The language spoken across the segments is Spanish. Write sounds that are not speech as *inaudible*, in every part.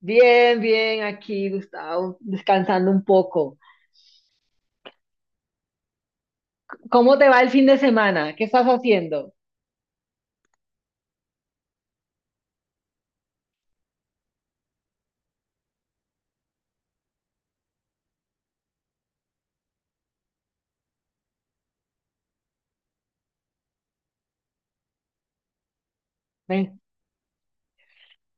Bien, bien, aquí Gustavo, descansando un poco. ¿Cómo te va el fin de semana? ¿Qué estás haciendo? Ven.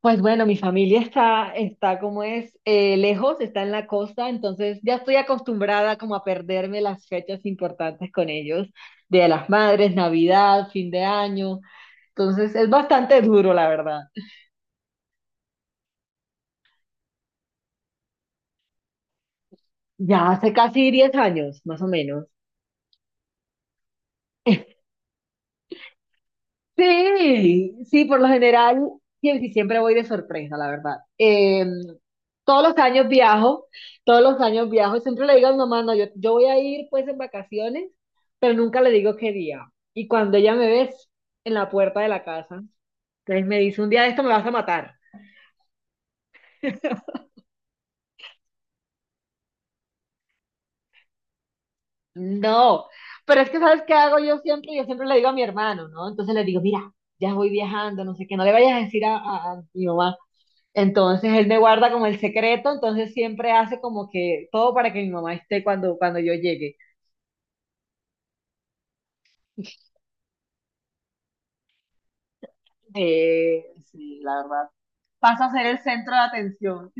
Pues bueno, mi familia está como es, lejos, está en la costa, entonces ya estoy acostumbrada como a perderme las fechas importantes con ellos, Día de las Madres, Navidad, fin de año. Entonces es bastante duro, la verdad. Ya hace casi 10 años, más o menos. Sí, sí, por lo general, siempre voy de sorpresa, la verdad. Todos los años viajo, todos los años viajo, y siempre le digo a mi mamá, no, yo voy a ir pues en vacaciones, pero nunca le digo qué día. Y cuando ella me ve es en la puerta de la casa, entonces me dice, un día de esto me vas a matar. No, pero es que ¿sabes qué hago yo siempre? Yo siempre le digo a mi hermano, ¿no? Entonces le digo, mira, ya voy viajando, no sé qué, no le vayas a decir a mi mamá. Entonces él me guarda como el secreto, entonces siempre hace como que todo para que mi mamá esté cuando yo llegue. *laughs* Eh, sí, la verdad. Paso a ser el centro de atención.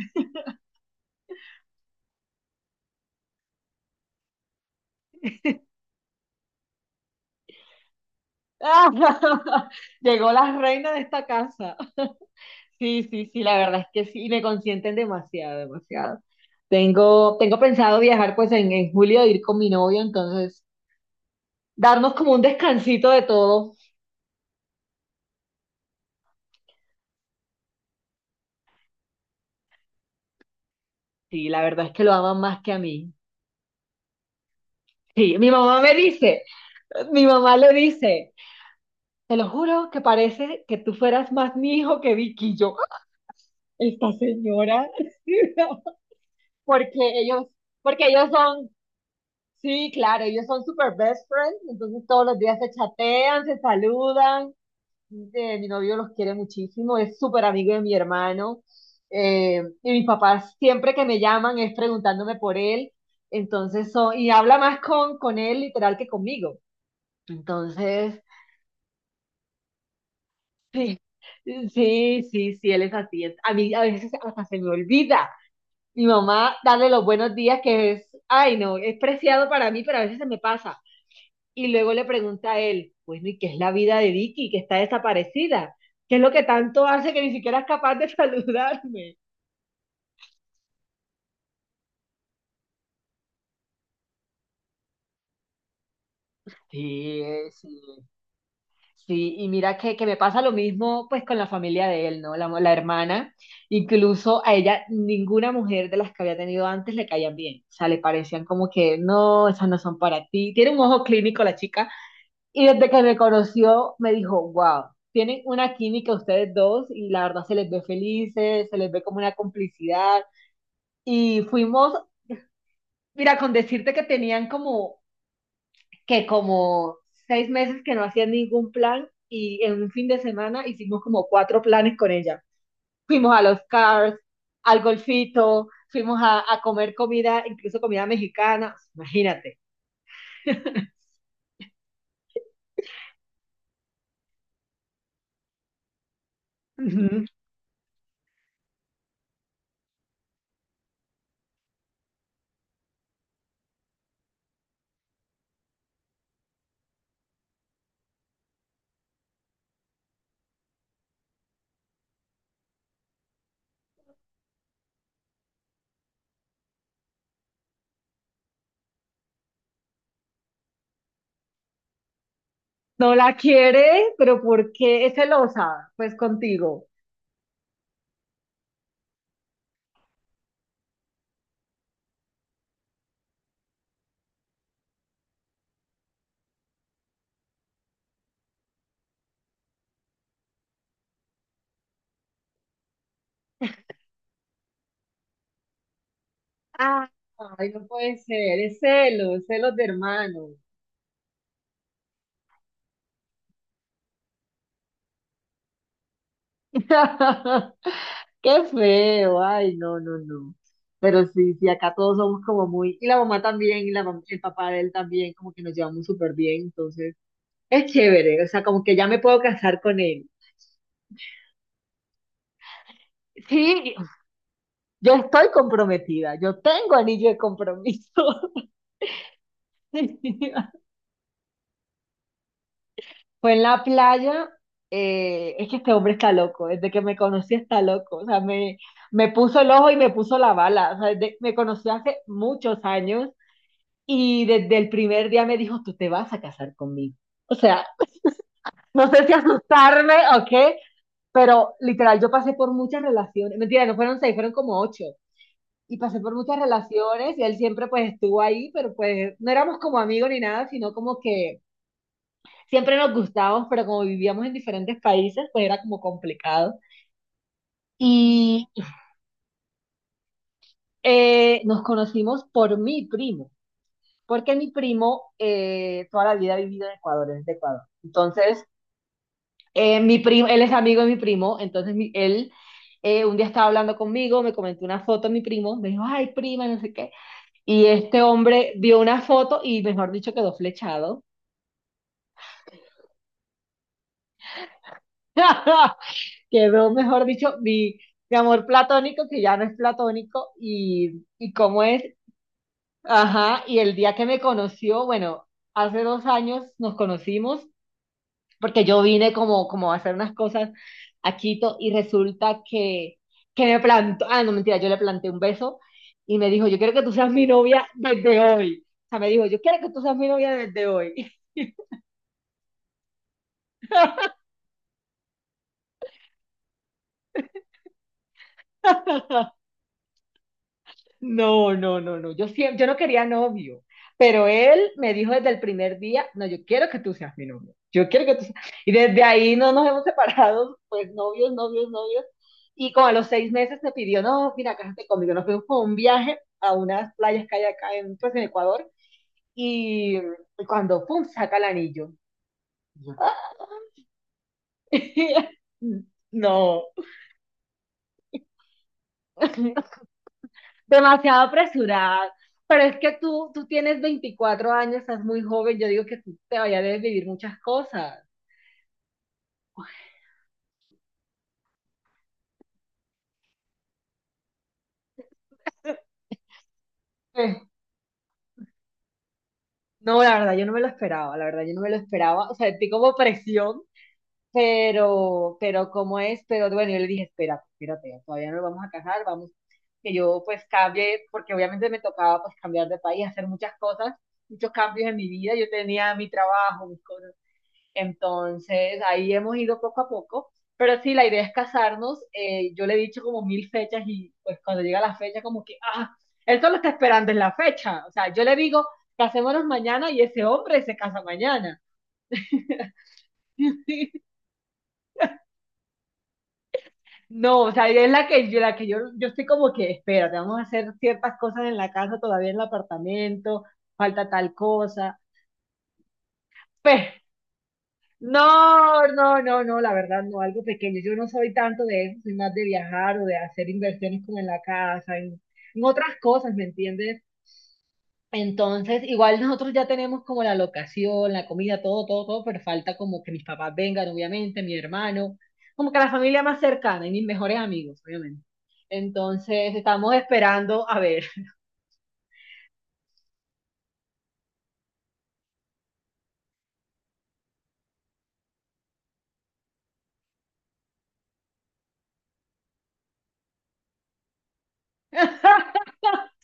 *laughs* Llegó la reina de esta casa. Sí, sí, sí, la verdad es que sí, me consienten demasiado, demasiado. Tengo pensado viajar pues en julio, ir con mi novio, entonces darnos como un descansito de todo. Sí, la verdad es que lo aman más que a mí. Sí, mi mamá me dice, mi mamá le dice. Te lo juro que parece que tú fueras más mi hijo que Vicky. Y yo, ¡ah! Esta señora. *laughs* Porque ellos, porque ellos son, sí, claro, ellos son super best friends, entonces todos los días se chatean, se saludan. Mi novio los quiere muchísimo, es súper amigo de mi hermano. Y mis papás siempre que me llaman es preguntándome por él, entonces son, y habla más con él literal que conmigo. Entonces, sí, sí, sí, sí, él es así. A mí a veces hasta se me olvida. Mi mamá, darle los buenos días, que es, ay, no, es preciado para mí, pero a veces se me pasa. Y luego le pregunta a él, bueno, ¿y qué es la vida de Vicky, que está desaparecida? ¿Qué es lo que tanto hace que ni siquiera es capaz de *laughs* saludarme? Sí, sí, sí, y mira que me pasa lo mismo pues con la familia de él, ¿no? La hermana, incluso a ella ninguna mujer de las que había tenido antes le caían bien, o sea, le parecían como que no, esas no son para ti, tiene un ojo clínico la chica, y desde que me conoció me dijo, wow, tienen una química ustedes dos y la verdad se les ve felices, se les ve como una complicidad, y fuimos, mira, con decirte que tenían como seis meses que no hacía ningún plan y en un fin de semana hicimos como cuatro planes con ella. Fuimos a los cars, al golfito, fuimos a comer comida, incluso comida mexicana, imagínate. Ujú. No la quiere, pero ¿por qué es celosa? Pues contigo. Ah, ay, no puede ser, es celos, celos de hermano. *laughs* Qué feo, ay, no, no, no. Pero sí, sí, acá todos somos como muy, y la mamá también, y la el papá de él también, como que nos llevamos súper bien, entonces es chévere, o sea, como que ya me puedo casar con él. Sí, yo estoy comprometida, yo tengo anillo de compromiso. *laughs* Fue en la playa. Es que este hombre está loco, desde que me conocí está loco, o sea, me puso el ojo y me puso la bala, o sea, me conoció hace muchos años. Y desde el primer día me dijo, tú te vas a casar conmigo. O sea, *laughs* no sé si asustarme o qué, pero literal, yo pasé por muchas relaciones. Mentira, no fueron seis, fueron como ocho. Y pasé por muchas relaciones y él siempre pues estuvo ahí, pero pues no éramos como amigos ni nada, sino como que siempre nos gustábamos, pero como vivíamos en diferentes países, pues era como complicado. Y nos conocimos por mi primo, porque mi primo toda la vida ha vivido en Ecuador, es de Ecuador. Entonces, mi primo, él es amigo de mi primo, entonces él un día estaba hablando conmigo, me comentó una foto de mi primo, me dijo, ay, prima, no sé qué. Y este hombre vio una foto y, mejor dicho, quedó flechado. *laughs* Quedó, mejor dicho, mi amor platónico, que ya no es platónico, y cómo es. Ajá, y el día que me conoció, bueno, hace 2 años nos conocimos porque yo vine como, como a hacer unas cosas a Quito y resulta que me plantó, ah, no mentira, yo le planté un beso y me dijo, yo quiero que tú seas mi novia desde hoy. O sea, me dijo, yo quiero que tú seas mi novia desde hoy. *laughs* No, no, no, no. Yo siempre, yo no quería novio, pero él me dijo desde el primer día, no, yo quiero que tú seas mi novio. Yo quiero que tú seas. Y desde ahí no nos hemos separado, pues novios, novios, novios. Y como a los 6 meses me pidió, no, mira, cásate conmigo. Nos fuimos por un viaje a unas playas que hay acá en, pues, en Ecuador. Y cuando, pum, saca el anillo. *laughs* No, demasiado apresurada. Pero es que tú tienes 24 años, estás muy joven, yo digo que tú te vayas a vivir muchas cosas. Eh, no, la verdad, yo no me lo esperaba, la verdad, yo no me lo esperaba, o sea, sentí como presión, pero ¿cómo es? Pero bueno, yo le dije, espérate, espérate, todavía no nos vamos a casar, vamos, que yo pues cambie, porque obviamente me tocaba pues cambiar de país, hacer muchas cosas, muchos cambios en mi vida, yo tenía mi trabajo, mis cosas. Entonces, ahí hemos ido poco a poco, pero sí, la idea es casarnos. Yo le he dicho como mil fechas y pues cuando llega la fecha como que, ah, él solo está esperando en la fecha. O sea, yo le digo, casémonos mañana y ese hombre se casa mañana. *laughs* No, o sea, es la que yo, yo estoy como que, espérate, vamos a hacer ciertas cosas en la casa, todavía en el apartamento, falta tal cosa. *laughs* No, no, no, no, la verdad no, algo pequeño. Yo no soy tanto de eso, soy más de viajar o de hacer inversiones como en la casa, en otras cosas, ¿me entiendes? Entonces, igual nosotros ya tenemos como la locación, la comida, todo, todo, todo, pero falta como que mis papás vengan, obviamente, mi hermano, como que la familia más cercana y mis mejores amigos, obviamente. Entonces, estamos esperando a ver. *laughs*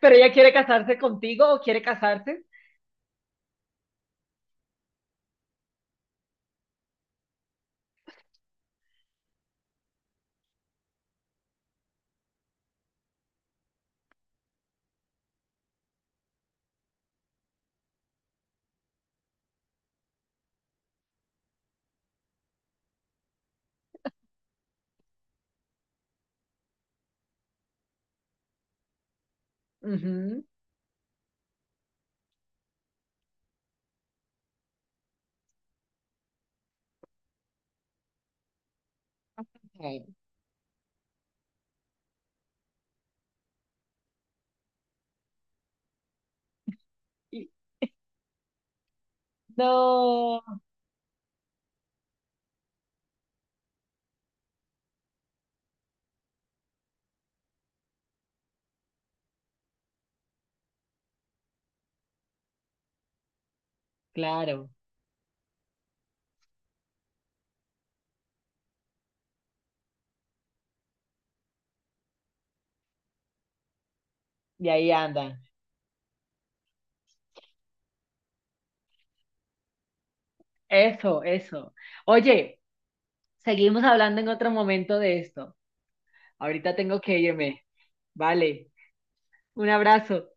Pero ella quiere casarse contigo o quiere casarse. Ujú. Ok. Y- No. Claro, y ahí andan. Eso, eso. Oye, seguimos hablando en otro momento de esto. Ahorita tengo que irme. Vale, un abrazo.